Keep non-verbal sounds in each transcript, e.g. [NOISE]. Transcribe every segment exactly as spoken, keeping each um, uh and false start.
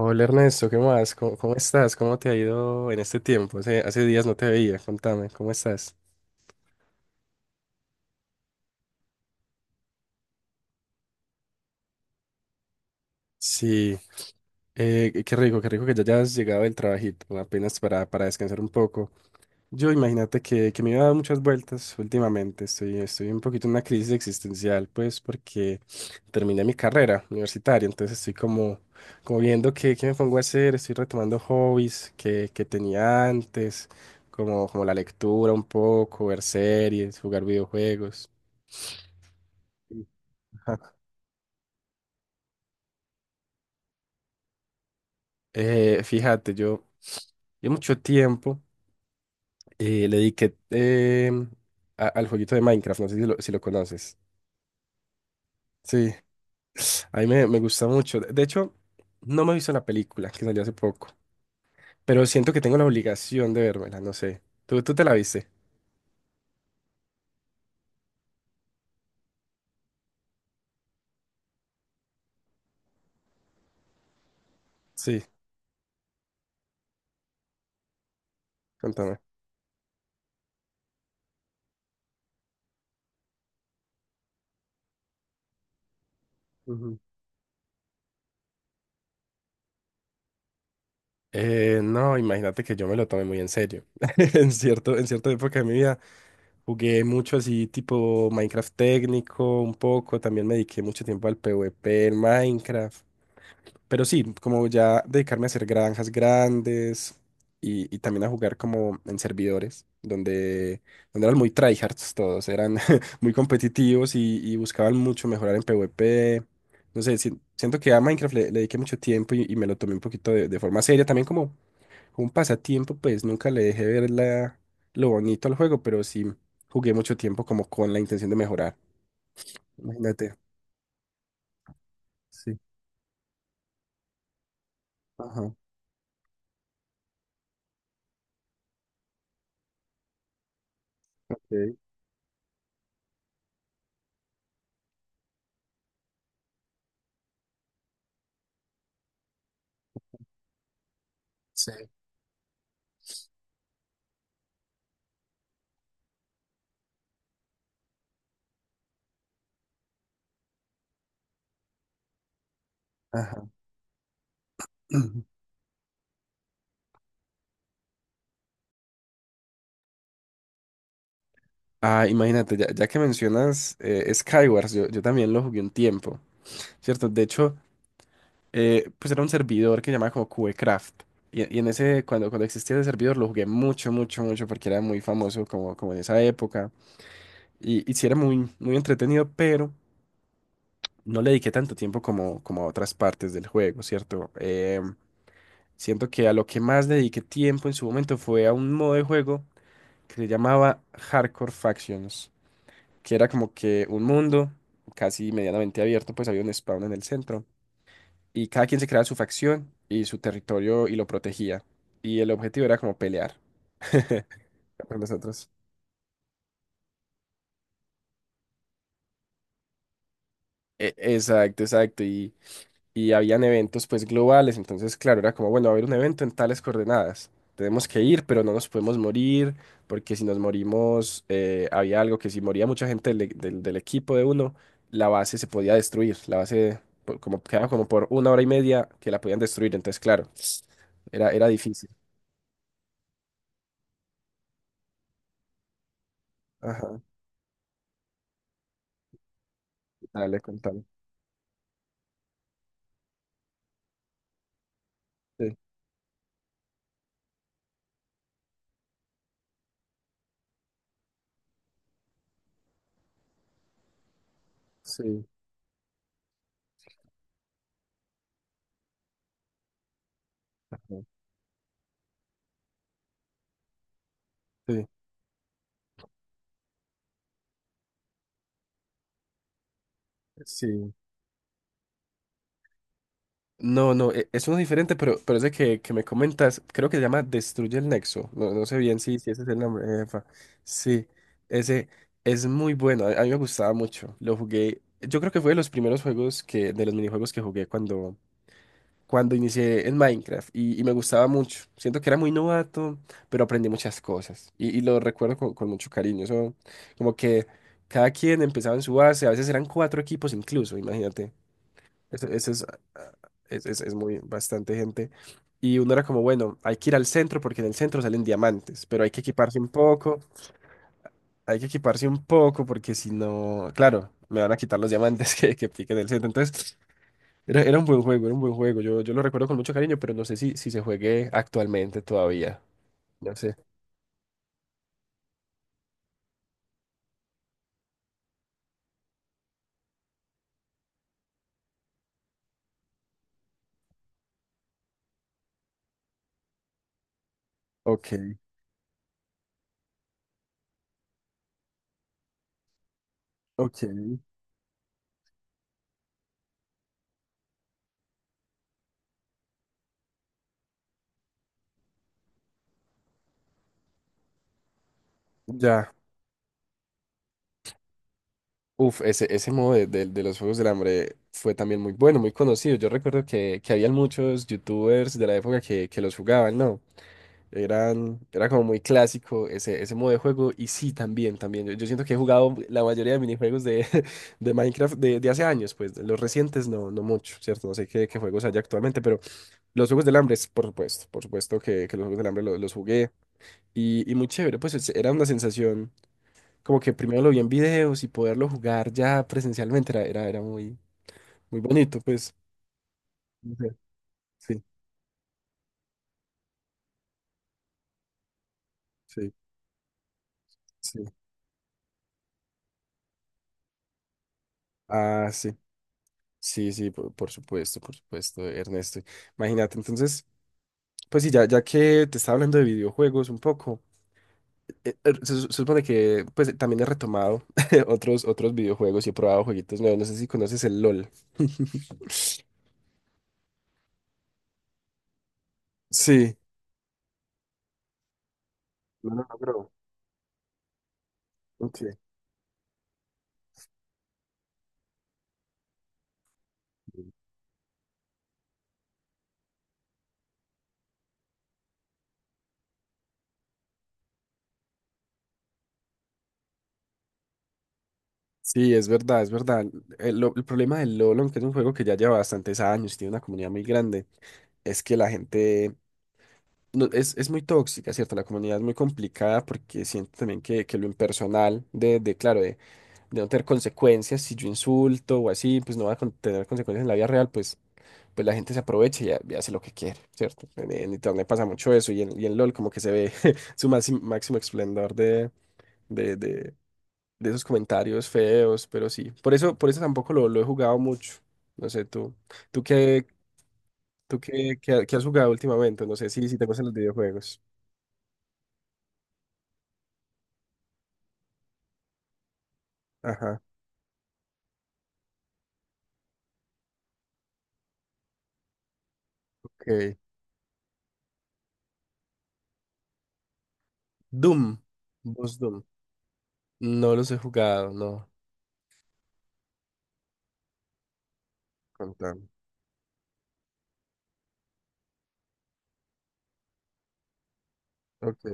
Hola Ernesto, ¿qué más? ¿Cómo, cómo estás? ¿Cómo te ha ido en este tiempo? Hace, hace días no te veía, contame, ¿cómo estás? Sí, eh, qué rico, qué rico que ya hayas llegado del trabajito, apenas para, para descansar un poco. Yo imagínate que, que me iba a dar muchas vueltas últimamente. Estoy, estoy un poquito en una crisis existencial, pues, porque terminé mi carrera universitaria. Entonces estoy como, como viendo qué, qué me pongo a hacer. Estoy retomando hobbies que, que tenía antes, como, como la lectura un poco, ver series, jugar videojuegos. Ajá. [LAUGHS] Eh, fíjate, yo, yo mucho tiempo eh, le dediqué em, a- al jueguito de Minecraft. No sé si lo, si lo conoces. Sí. A mí me, me gusta mucho. De hecho, no me he visto la película que salió hace poco, pero siento que tengo la obligación de vérmela, no sé. ¿Tú, tú te la viste? Sí, contame. Ujú. Eh, no, imagínate que yo me lo tomé muy en serio. [LAUGHS] En cierto, en cierta época de mi vida jugué mucho así, tipo Minecraft técnico, un poco. También me dediqué mucho tiempo al PvP en Minecraft. Pero sí, como ya dedicarme a hacer granjas grandes y, y también a jugar como en servidores, donde, donde eran muy tryhards todos, eran [LAUGHS] muy competitivos y, y buscaban mucho mejorar en PvP. No sé, si- siento que a Minecraft le, le dediqué mucho tiempo y, y me lo tomé un poquito de, de forma seria, también como un pasatiempo, pues nunca le dejé ver la, lo bonito al juego, pero sí jugué mucho tiempo como con la intención de mejorar. Imagínate. Sí. Ajá. Ok. Sí. Ajá. [CLEARS THROAT] Ah, imagínate, ya, ya que mencionas eh, Skywars, yo, yo también lo jugué un tiempo, ¿cierto? De hecho, eh, pues era un servidor que llamaba como QECraft. Y, y en ese, cuando, cuando existía ese servidor, lo jugué mucho, mucho, mucho, porque era muy famoso como, como en esa época. Y, y sí era muy, muy entretenido, pero no le dediqué tanto tiempo como, como a otras partes del juego, ¿cierto? Eh, siento que a lo que más le dediqué tiempo en su momento fue a un modo de juego que se llamaba Hardcore Factions. Que era como que un mundo casi medianamente abierto, pues había un spawn en el centro y cada quien se creaba su facción y su territorio y lo protegía. Y el objetivo era como pelear [LAUGHS] con nosotros. E- exacto, exacto. Y, y habían eventos pues globales, entonces claro, era como, bueno, va a haber un evento en tales coordenadas, tenemos que ir, pero no nos podemos morir, porque si nos morimos, eh, había algo que si moría mucha gente del, e- del- del equipo de uno, la base se podía destruir, la base por- como, quedaba como por una hora y media que la podían destruir, entonces claro, era, era difícil. Ajá, dale, contame. Sí, sí, ajá, sí, sí. No, no, e- es uno diferente, pero, pero ese que, que me comentas, creo que se llama Destruye el Nexo. No, no sé bien si, si ese es el nombre, jefa. Sí, ese es muy bueno. A, a mí me gustaba mucho. Lo jugué. Yo creo que fue de los primeros juegos que, de los minijuegos que jugué cuando, cuando inicié en Minecraft. Y, y me gustaba mucho. Siento que era muy novato, pero aprendí muchas cosas. Y, y lo recuerdo con, con mucho cariño. Eso, como que cada quien empezaba en su base. A veces eran cuatro equipos incluso, imagínate. Ese, ese es, ah, es, es- Es muy bastante gente. Y uno era como, bueno, hay que ir al centro porque en el centro salen diamantes, pero hay que equiparse un poco, hay que equiparse un poco porque si no, claro, me van a quitar los diamantes [LAUGHS] que, que piquen el centro. Entonces, era, era un buen juego, era un buen juego. Yo, yo lo recuerdo con mucho cariño, pero no sé si, si se juegue actualmente todavía. No sé. Ok, ok. Ya. Uf, ese, ese modo de, de- de los Juegos del Hambre fue también muy bueno, muy conocido. Yo recuerdo que, que habían muchos youtubers de la época que, que los jugaban, ¿no? Eran, era como muy clásico ese, ese modo de juego. Y sí, también, también. Yo, yo siento que he jugado la mayoría de minijuegos de, [LAUGHS] de Minecraft de, de hace años, pues de los recientes no, no mucho, ¿cierto? No sé qué, qué juegos hay actualmente, pero los Juegos del Hambre, por supuesto, por supuesto que, que los Juegos del Hambre lo- los, jugué. Y, y muy chévere, pues es- era una sensación como que primero lo vi en videos y poderlo jugar ya presencialmente era, era, era muy, muy bonito, pues. No sé, sí, sí, sí. Ah, sí, sí, sí, por, por supuesto, por supuesto, Ernesto. Imagínate, entonces, pues sí, ya, ya que te estaba hablando de videojuegos un poco, eh, eh, se, se supone que pues también he retomado [LAUGHS] otros, otros videojuegos y he probado jueguitos nuevos. No sé si conoces el LOL. [LAUGHS] Sí. No lo logró. Ok. Sí, es verdad, es verdad. El, lo- el problema del LoL, aunque es un juego que ya lleva bastantes años y tiene una comunidad muy grande, es que la gente no- es, es muy tóxica, ¿cierto? La comunidad es muy complicada porque siento también que, que lo impersonal, de, de claro, de, de no tener consecuencias, si yo insulto o así, pues no va a con- tener consecuencias en la vida real, pues, pues la gente se aprovecha y, ha- y hace lo que quiere, ¿cierto? En, en Internet pasa mucho eso y en, y en LoL como que se ve [LAUGHS] su máximo, máximo esplendor de, de, de de esos comentarios feos, pero sí. Por eso, por eso tampoco lo, lo he jugado mucho. No sé, tú, tú qué, tú qué, qué- qué has jugado últimamente, no sé si, si te gustan los videojuegos. Ajá, ok. Doom, vos Doom. No los he jugado, no. Contame. Ok,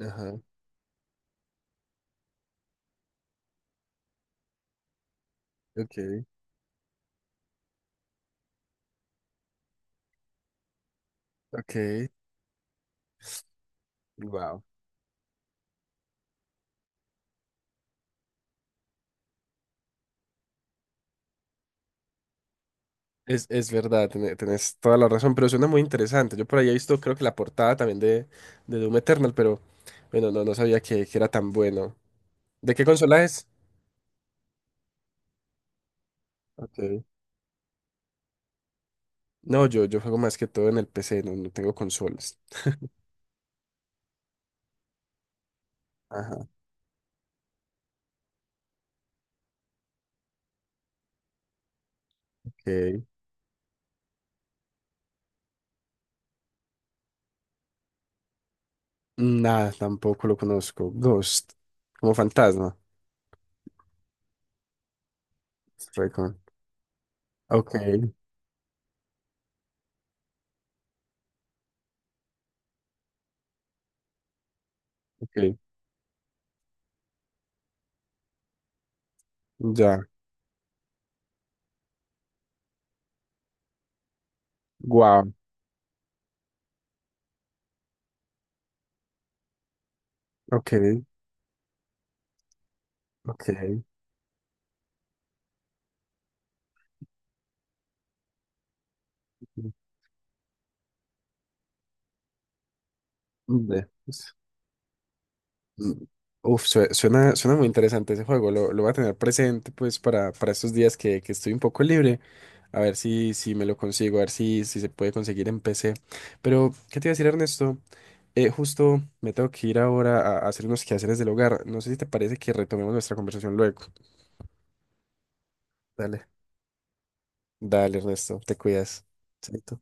ajá, ok, ok. Wow. Es, es verdad, tene- tenés toda la razón, pero suena muy interesante. Yo por ahí he visto, creo que la portada también de, de Doom Eternal, pero bueno, no, no sabía que, que era tan bueno. ¿De qué consola es? Ok. No, yo, yo juego más que todo en el P C, no, no tengo consolas. Ajá, ok. Nada, tampoco lo conozco. Ghost, como fantasma. Recon. Ok, ok. Ya. Wow. Ok, ok. Ve, pues, mm, uf, sue- suena, suena muy interesante ese juego. Lo, lo voy a tener presente pues para, para estos días que, que estoy un poco libre. A ver si, si me lo consigo, a ver si, si se puede conseguir en P C. Pero, ¿qué te iba a decir, Ernesto? Eh, justo me tengo que ir ahora a a hacer unos quehaceres del hogar. No sé si te parece que retomemos nuestra conversación luego. Dale. Dale, Ernesto, te cuidas. Chaito.